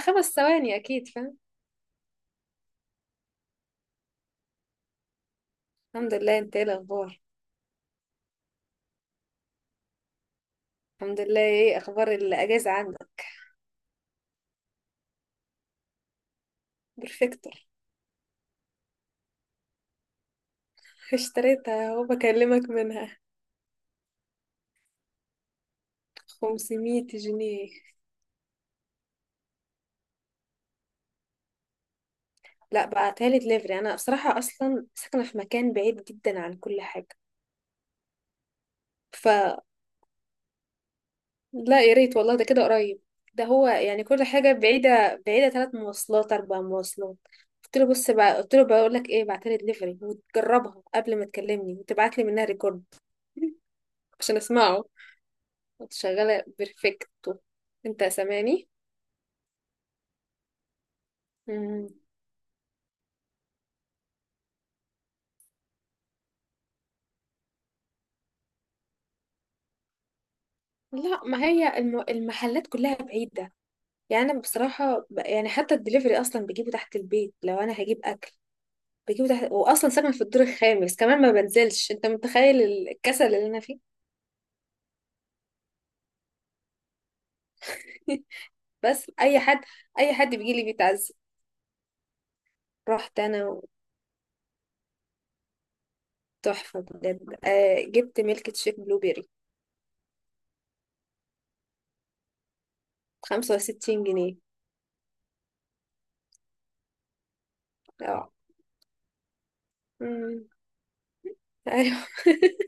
خمس ثواني اكيد فاهم. الحمد لله، انت ايه الاخبار؟ الحمد لله، ايه اخبار الاجازه عندك؟ بيرفكتور. اشتريتها اهو، بكلمك منها. 500 جنيه. لا، بعتها لي دليفري. انا بصراحه اصلا ساكنه في مكان بعيد جدا عن كل حاجه. ف لا، يا ريت والله ده كده قريب. ده هو يعني كل حاجه بعيده بعيده، ثلاث مواصلات اربع مواصلات. قلت له بص بقى، قلت له بقول لك ايه، بعتها لي دليفري وتجربها قبل ما تكلمني وتبعت لي منها ريكورد. عشان اسمعه. كنت شغالة بيرفكتو. انت سامعني؟ مم. لا، ما هي المحلات كلها بعيدة. يعني انا بصراحة يعني حتى الدليفري اصلا بجيبه تحت البيت، لو انا هجيب اكل بجيبه تحت. واصلا ساكنة في الدور الخامس كمان، ما بنزلش. انت متخيل الكسل اللي انا فيه؟ بس اي حد، اي حد بيجي لي بيتعزم. رحت انا، تحفة بجد. آه، جبت ميلك تشيك بلو بيري، 65 جنيه. اه. مم. ايوه.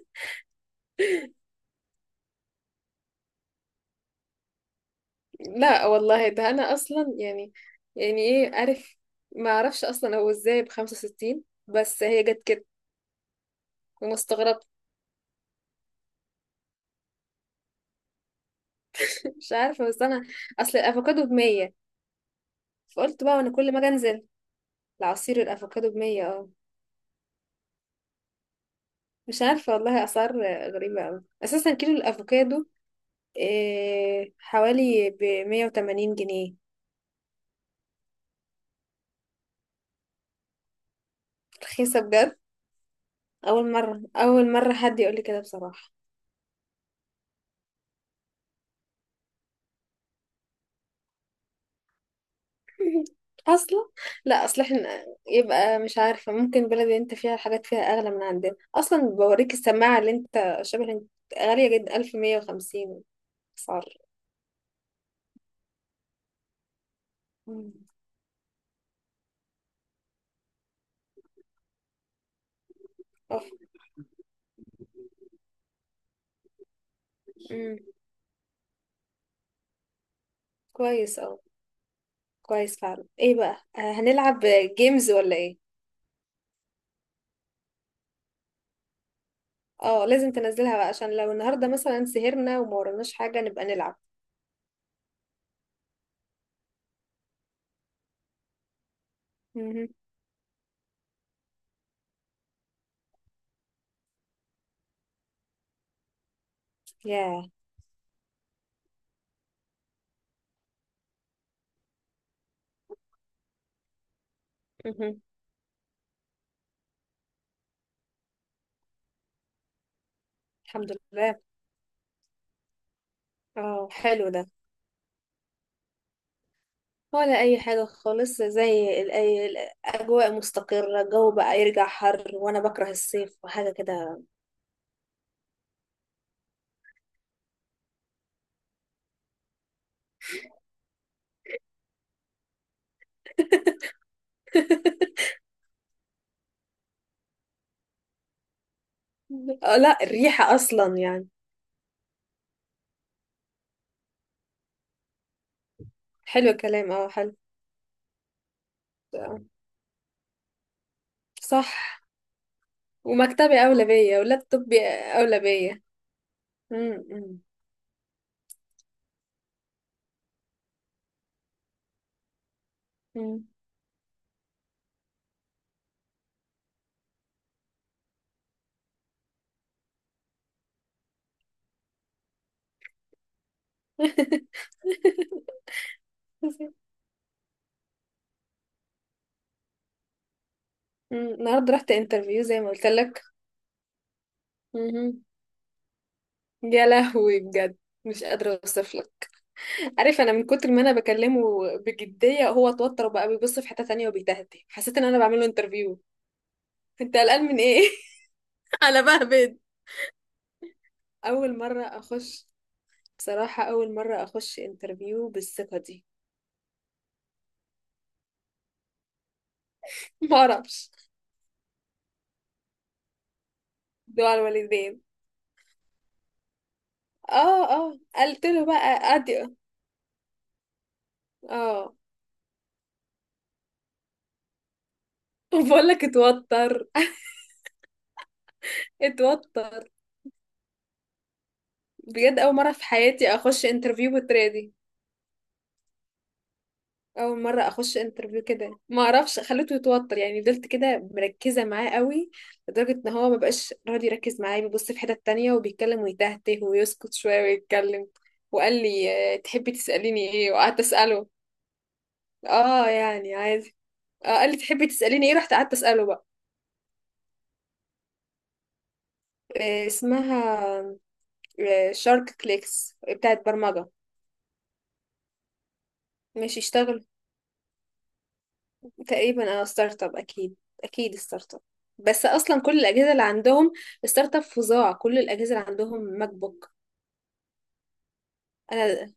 لا والله، ده انا اصلا يعني، يعني ايه عارف، ما اعرفش اصلا هو ازاي ب 65، بس هي جت كده وما استغربت. مش عارفه بس انا اصل الافوكادو ب 100. فقلت بقى وانا كل ما اجي انزل، العصير الافوكادو ب 100. اه، مش عارفه والله، اسعار غريبه قوي. اساسا كيلو الافوكادو إيه، حوالي ب 180 جنيه. رخيصه بجد؟ اول مره، اول مره حد يقول لي كده بصراحه. اصلا لا، اصل احنا يبقى مش عارفه، ممكن بلد اللي انت فيها الحاجات فيها اغلى من عندنا. اصلا بوريك السماعه اللي انت شبه انت، غاليه جدا، 1150. اسعار. مم. اوف. امم. كويس، اه. كويس فعلا. ايه بقى، آه، هنلعب جيمز ولا ايه؟ اه، لازم تنزلها بقى، عشان لو النهارده مثلا سهرنا وما وراناش حاجه نبقى نلعب. امم. ياه. امم. الحمد لله. اه، حلو ده، ولا اي حاجه خالص؟ الاجواء مستقره، الجو بقى يرجع حر، وانا بكره الصيف وحاجه كده. آه، لا، الريحه اصلا يعني. حلو الكلام، اه حلو. آه، صح. ومكتبي اولى بيا ولابتوبي اولى بيا. أمم، أمم، أمم. أمم، النهارده رحت انترفيو زي ما قلت لك. أمم. يا لهوي، بجد مش قادره اوصف لك. عارف، انا من كتر ما انا بكلمه بجديه، هو اتوتر وبقى بيبص في حته تانية وبيتهته. حسيت ان انا بعمل له انترفيو. انت قلقان من ايه؟ على بهبد. اول مره اخش، بصراحه اول مره اخش انترفيو بالثقه دي. ما اعرفش، دعاء الوالدين. اه. اه، قلت له بقى، ادي. اه. بقول لك اتوتر. اتوتر. بجد اول مره في حياتي اخش انترفيو بالطريقه دي. اول مره اخش انترفيو كده، ما اعرفش. خليته يتوتر، يعني فضلت كده مركزه معاه قوي، لدرجه ان هو ما بقاش راضي يركز معايا، بيبص في حته تانية وبيتكلم ويتهته ويسكت شويه ويتكلم. وقال لي آه، تحبي تساليني ايه، وقعدت اساله. اه يعني عادي. آه، قال لي تحبي تساليني ايه، رحت قعدت اساله بقى. آه، اسمها آه، شارك كليكس، بتاعت برمجه. ماشي اشتغل. تقريبا، اه، ستارت اب اكيد. اكيد ستارت اب. بس اصلا كل الاجهزه اللي عندهم، ستارت اب فظاع. كل الاجهزه اللي عندهم ماك بوك. انا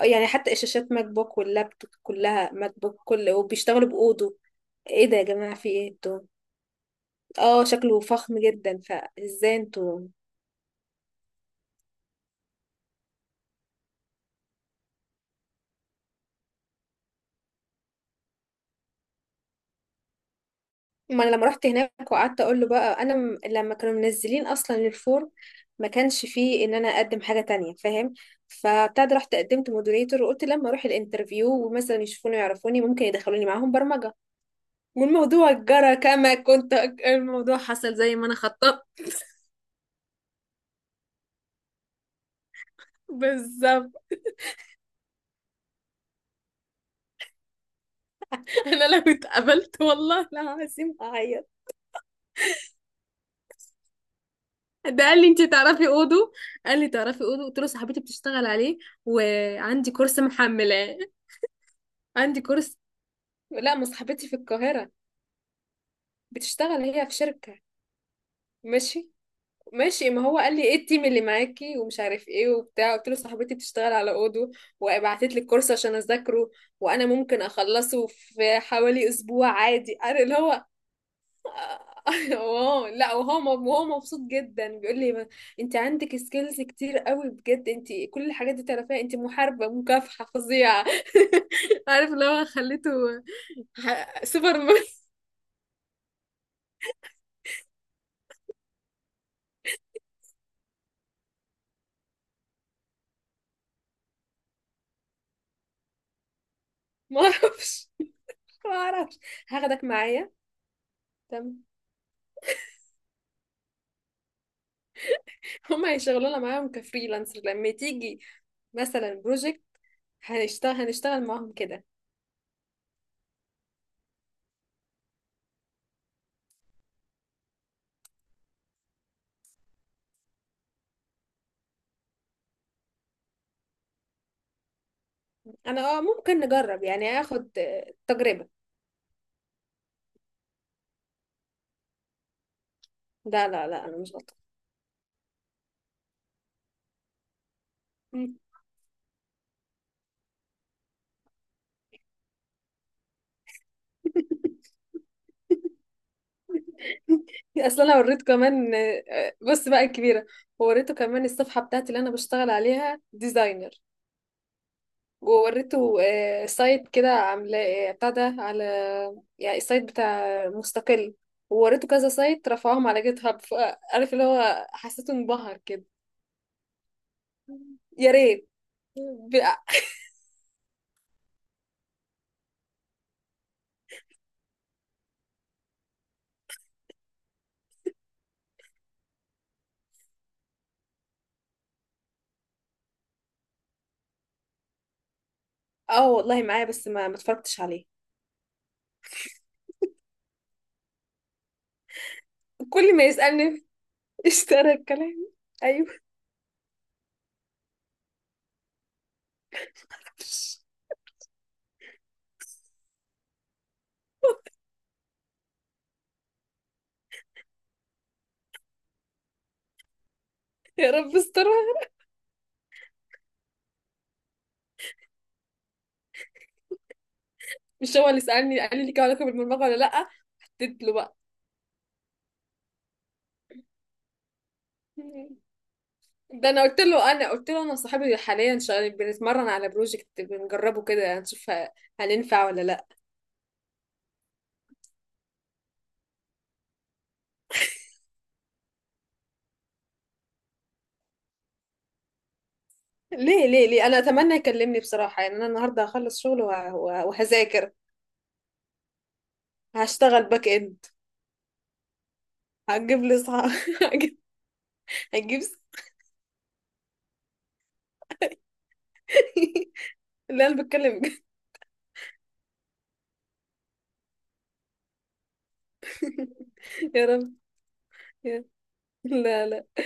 يعني حتى الشاشات ماك بوك واللابتوب كلها ماك بوك، كل وبيشتغلوا باودو. ايه ده يا جماعه، في ايه انتوا؟ اه، شكله فخم جدا، فازاي انتوا؟ ما انا لما رحت هناك وقعدت اقول له بقى، لما كانوا منزلين اصلا الفورم، ما كانش فيه ان انا اقدم حاجه تانية، فاهم؟ فابتدى، رحت قدمت مودريتور، وقلت لما اروح الانترفيو ومثلا يشوفوني ويعرفوني، ممكن يدخلوني معاهم برمجه. والموضوع جرى كما كنت أك- الموضوع حصل زي ما انا خططت، بالظبط. انا لو اتقبلت والله العظيم هعيط. ده قال لي انت تعرفي اودو. قال لي تعرفي اودو، قلت له صاحبتي بتشتغل عليه وعندي كورس محملاه. عندي كورس. لا، ما صاحبتي في القاهرة، بتشتغل هي في شركة. ماشي. ماشي، ما هو قال لي ايه التيم اللي معاكي ومش عارف ايه وبتاع، قلت له صاحبتي بتشتغل على اودو وبعتت لي الكورس عشان اذاكره، وانا ممكن اخلصه في حوالي اسبوع عادي. انا اللي هو. اه، لا وهو م- وهو مبسوط جدا، بيقول لي انت عندك سكيلز كتير قوي. بجد انت كل الحاجات دي تعرفيها، انت محاربة مكافحة فظيعة. عارف اللي هو خليته، سوبر ما ما اعرفش. ما اعرفش. هاخدك معايا. تمام. هم هيشغلونا معاهم كفريلانسر، لما تيجي مثلا بروجكت هنشتغل، هنشتغل معاهم كده. انا اه ممكن نجرب يعني، اخد آه، تجربة. لا لا لا، انا مش غلطة. مم. اصل انا وريته كمان آه، بص بقى الكبيرة، وريته كمان الصفحة بتاعتي اللي انا بشتغل عليها ديزاينر. ووريته آه، سايت كده عاملاه آه، بتاع ده على، يعني السايت بتاع مستقل. ووريته كذا سايت رفعهم على جيت هاب، فعارف اللي هو حسيته انبهر كده. يا ريت. ب... اه والله معايا، بس ما اتفرجتش عليه. كل ما يسألني. اشترى الكلام. ايوه. يا رب استرها. مش هو اللي سألني قال لي ليك علاقة بالبرمجة ولا لأ؟ اديت له بقى. ده انا قلت له، انا قلت له انا صاحبي حاليا شغال، بنتمرن على بروجكت بنجربه كده، يعني نشوف هننفع ولا لا. ليه ليه ليه؟ انا اتمنى يكلمني بصراحه. يعني انا النهارده هخلص شغل وهذاكر. هشتغل باك اند. هتجيب لي صح؟ هجيب. هجيب. لا انا بتكلم بجد. يا رب. يا- لا لا